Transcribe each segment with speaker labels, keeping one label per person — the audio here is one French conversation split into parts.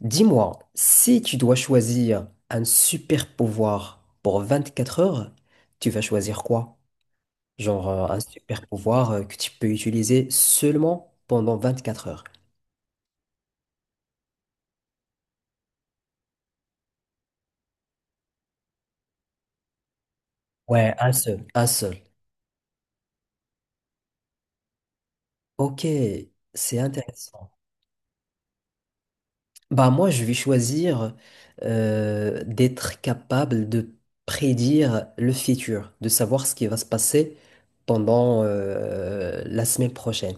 Speaker 1: Dis-moi, si tu dois choisir un super pouvoir pour 24 heures, tu vas choisir quoi? Genre, un super pouvoir que tu peux utiliser seulement pendant 24 heures. Ouais, un seul. Un seul. Ok, c'est intéressant. Bah moi, je vais choisir d'être capable de prédire le futur, de savoir ce qui va se passer pendant la semaine prochaine.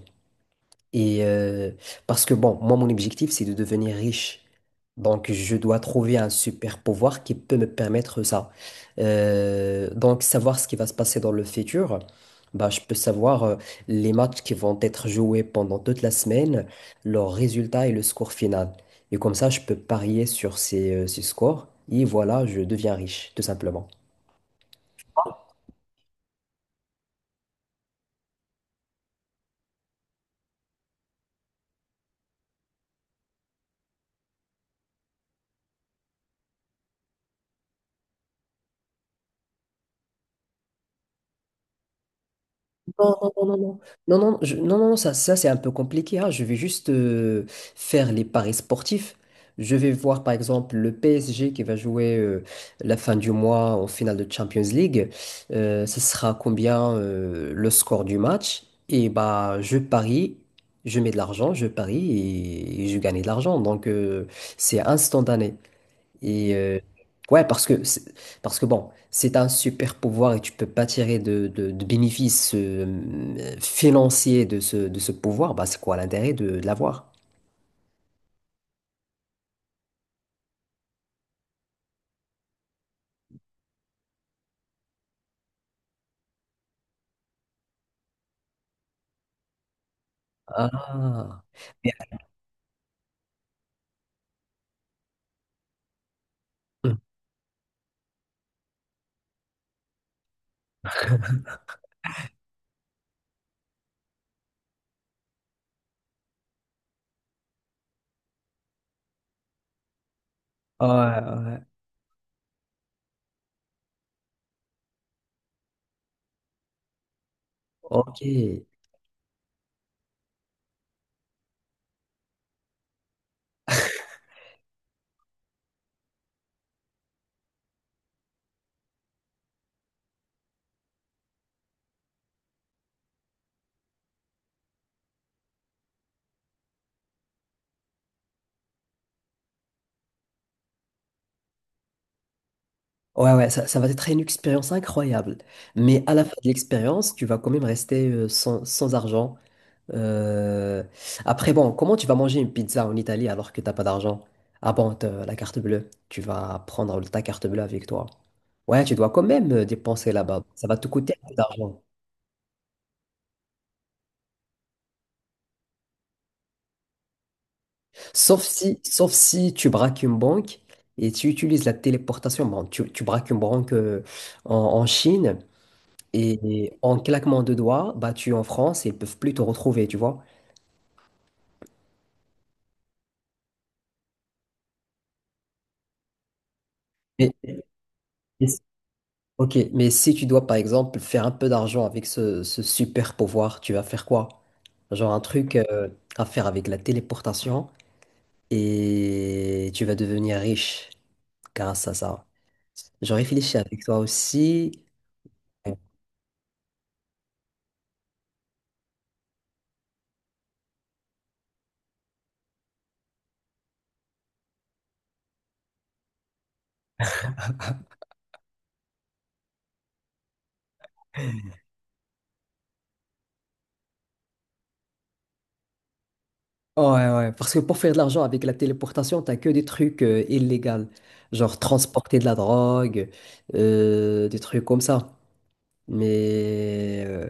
Speaker 1: Et euh, parce que bon, moi, mon objectif, c'est de devenir riche. Donc, je dois trouver un super pouvoir qui peut me permettre ça. Donc, savoir ce qui va se passer dans le futur, bah, je peux savoir les matchs qui vont être joués pendant toute la semaine, leurs résultats et le score final. Et comme ça, je peux parier sur ces scores. Et voilà, je deviens riche, tout simplement. Non, non, non, non, non, non, non, non, non, non, ça c'est un peu compliqué, hein. Je vais juste faire les paris sportifs. Je vais voir par exemple le PSG qui va jouer la fin du mois en finale de Champions League. Ce sera combien le score du match? Et bah, je parie, je mets de l'argent, je parie et je gagne de l'argent. Donc, c'est instantané. Et euh, ouais, parce que bon, c'est un super pouvoir et tu peux pas tirer de bénéfices financiers de ce pouvoir. Bah, c'est quoi l'intérêt de l'avoir? Ah. Mais. Hmm. Ouais, ouais, ouais. Ok. Ouais, ouais, ça va être une expérience incroyable. Mais à la fin de l'expérience, tu vas quand même rester sans argent. Euh, Après, bon, comment tu vas manger une pizza en Italie alors que t'as pas d'argent? Ah bon, t'as la carte bleue. Tu vas prendre ta carte bleue avec toi. Ouais, tu dois quand même dépenser là-bas. Ça va te coûter un peu d'argent. Sauf si tu braques une banque et tu utilises la téléportation. Bon, tu braques une banque en Chine et en claquement de doigts, bah, tu es en France et ils peuvent plus te retrouver, tu vois. Mais. Ok, mais si tu dois par exemple faire un peu d'argent avec ce super pouvoir, tu vas faire quoi? Genre un truc à faire avec la téléportation et tu vas devenir riche grâce à ça. Je réfléchis avec toi aussi. Ouais, ouais, parce que pour faire de l'argent avec la téléportation, t'as que des trucs illégaux, genre transporter de la drogue, des trucs comme ça. Mais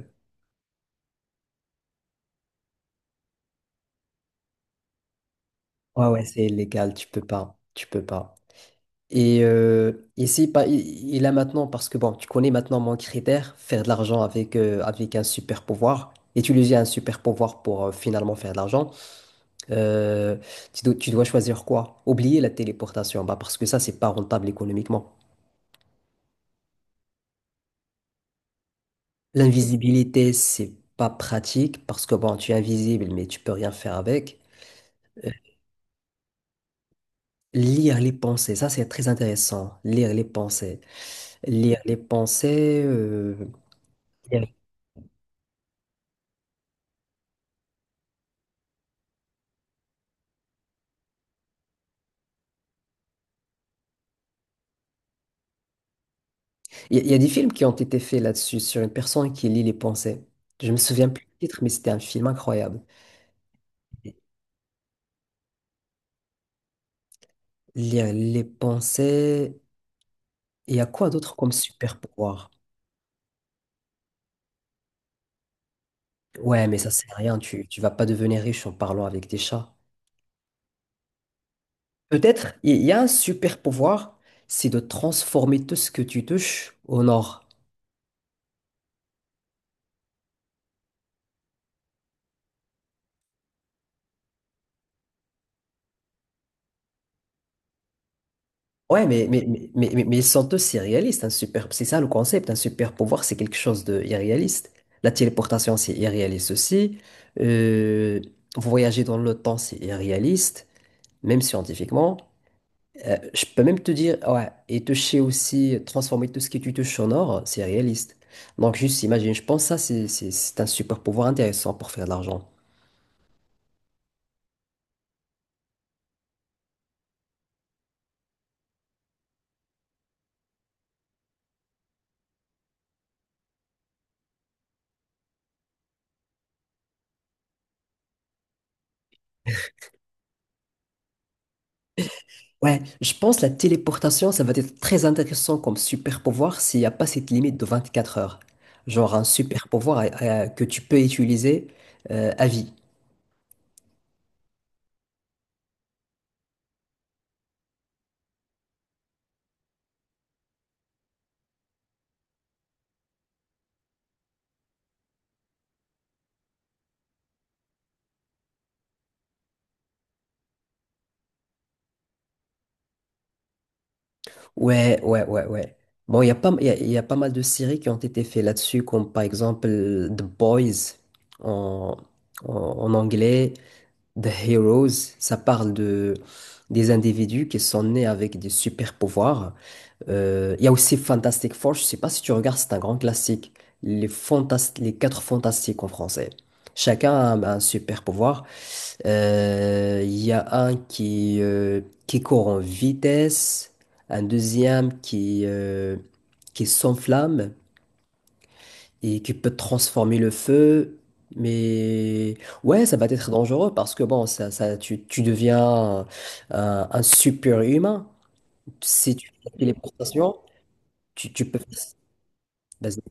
Speaker 1: ouais, ouais, c'est illégal, tu peux pas. Et si pas, il a maintenant, parce que bon, tu connais maintenant mon critère, faire de l'argent avec un super pouvoir, utiliser un super pouvoir pour finalement faire de l'argent, euh, tu dois choisir quoi? Oublier la téléportation, bah, parce que ça, c'est pas rentable économiquement. L'invisibilité, c'est pas pratique, parce que bon, tu es invisible, mais tu peux rien faire avec. Euh, Lire les pensées, ça c'est très intéressant. Lire les pensées. Lire les pensées, euh, Il y a des films qui ont été faits là-dessus, sur une personne qui lit les pensées. Je me souviens plus du titre, mais c'était un film incroyable. Lire les pensées. Il y a quoi d'autre comme super pouvoir? Ouais, mais ça, c'est rien. Tu vas pas devenir riche en parlant avec des chats. Peut-être, il y a un super pouvoir, c'est de transformer tout ce que tu touches en or. Ouais, mais ils sont tous irréalistes. Un super, c'est ça le concept. Un super pouvoir, c'est quelque chose de irréaliste. La téléportation, c'est irréaliste aussi. Euh, voyager dans le temps, c'est irréaliste, même scientifiquement. Je peux même te dire, ouais, et toucher aussi, transformer tout ce qui tu touches en or, c'est réaliste. Donc, juste imagine, je pense que ça, c'est un super pouvoir intéressant pour faire de l'argent. Ouais, je pense la téléportation, ça va être très intéressant comme super pouvoir s'il n'y a pas cette limite de 24 heures. Genre un super pouvoir que tu peux utiliser à vie. Ouais, ouais, ouais, ouais. Bon, il y a pas mal de séries qui ont été faites là-dessus, comme par exemple The Boys en, en anglais, The Heroes. Ça parle de, des individus qui sont nés avec des super pouvoirs. Il y a aussi Fantastic Four, je sais pas si tu regardes, c'est un grand classique. Les quatre fantastiques en français. Chacun a un super pouvoir. Il y a un qui court en vitesse, un deuxième qui s'enflamme et qui peut transformer le feu. Mais ouais, ça va être dangereux parce que bon, tu deviens un super humain. Si tu fais les téléportation, tu peux faire. Vas-y,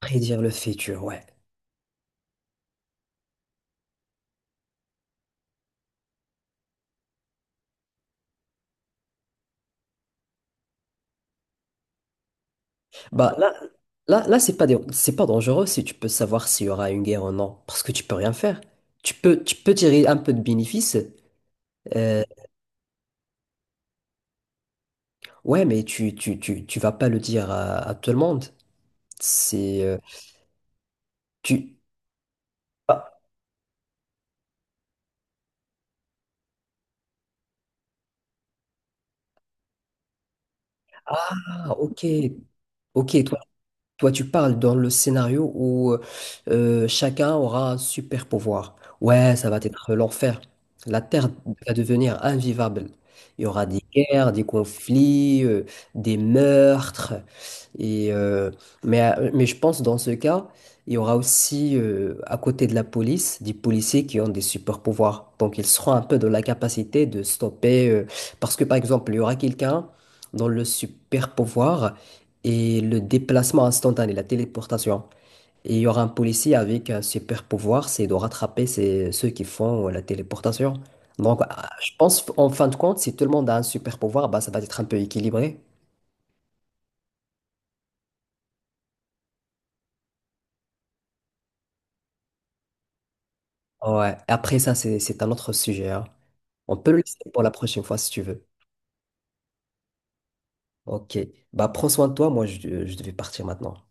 Speaker 1: prédire le futur, ouais. Bah là, c'est pas dangereux si tu peux savoir s'il y aura une guerre ou non, parce que tu peux rien faire. Tu peux tirer un peu de bénéfice. euh, ouais, mais tu vas pas le dire à tout le monde. C'est, tu. Ah, ah, ok, ok. Toi, tu parles dans le scénario où chacun aura un super pouvoir. Ouais, ça va être l'enfer. La Terre va devenir invivable. Il y aura des guerres, des conflits, des meurtres. Et, euh, mais je pense dans ce cas, il y aura aussi à côté de la police des policiers qui ont des super pouvoirs. Donc ils seront un peu dans la capacité de stopper, parce que par exemple, il y aura quelqu'un dans le super pouvoir et le déplacement instantané, la téléportation. Et il y aura un policier avec un super pouvoir, c'est de rattraper ceux qui font la téléportation. Donc, ah, je pense en fin de compte, si tout le monde a un super pouvoir, bah, ça va être un peu équilibré. Ouais. Après ça, c'est un autre sujet, hein. On peut le laisser pour la prochaine fois si tu veux. Ok. Bah, prends soin de toi. Moi, je devais partir maintenant.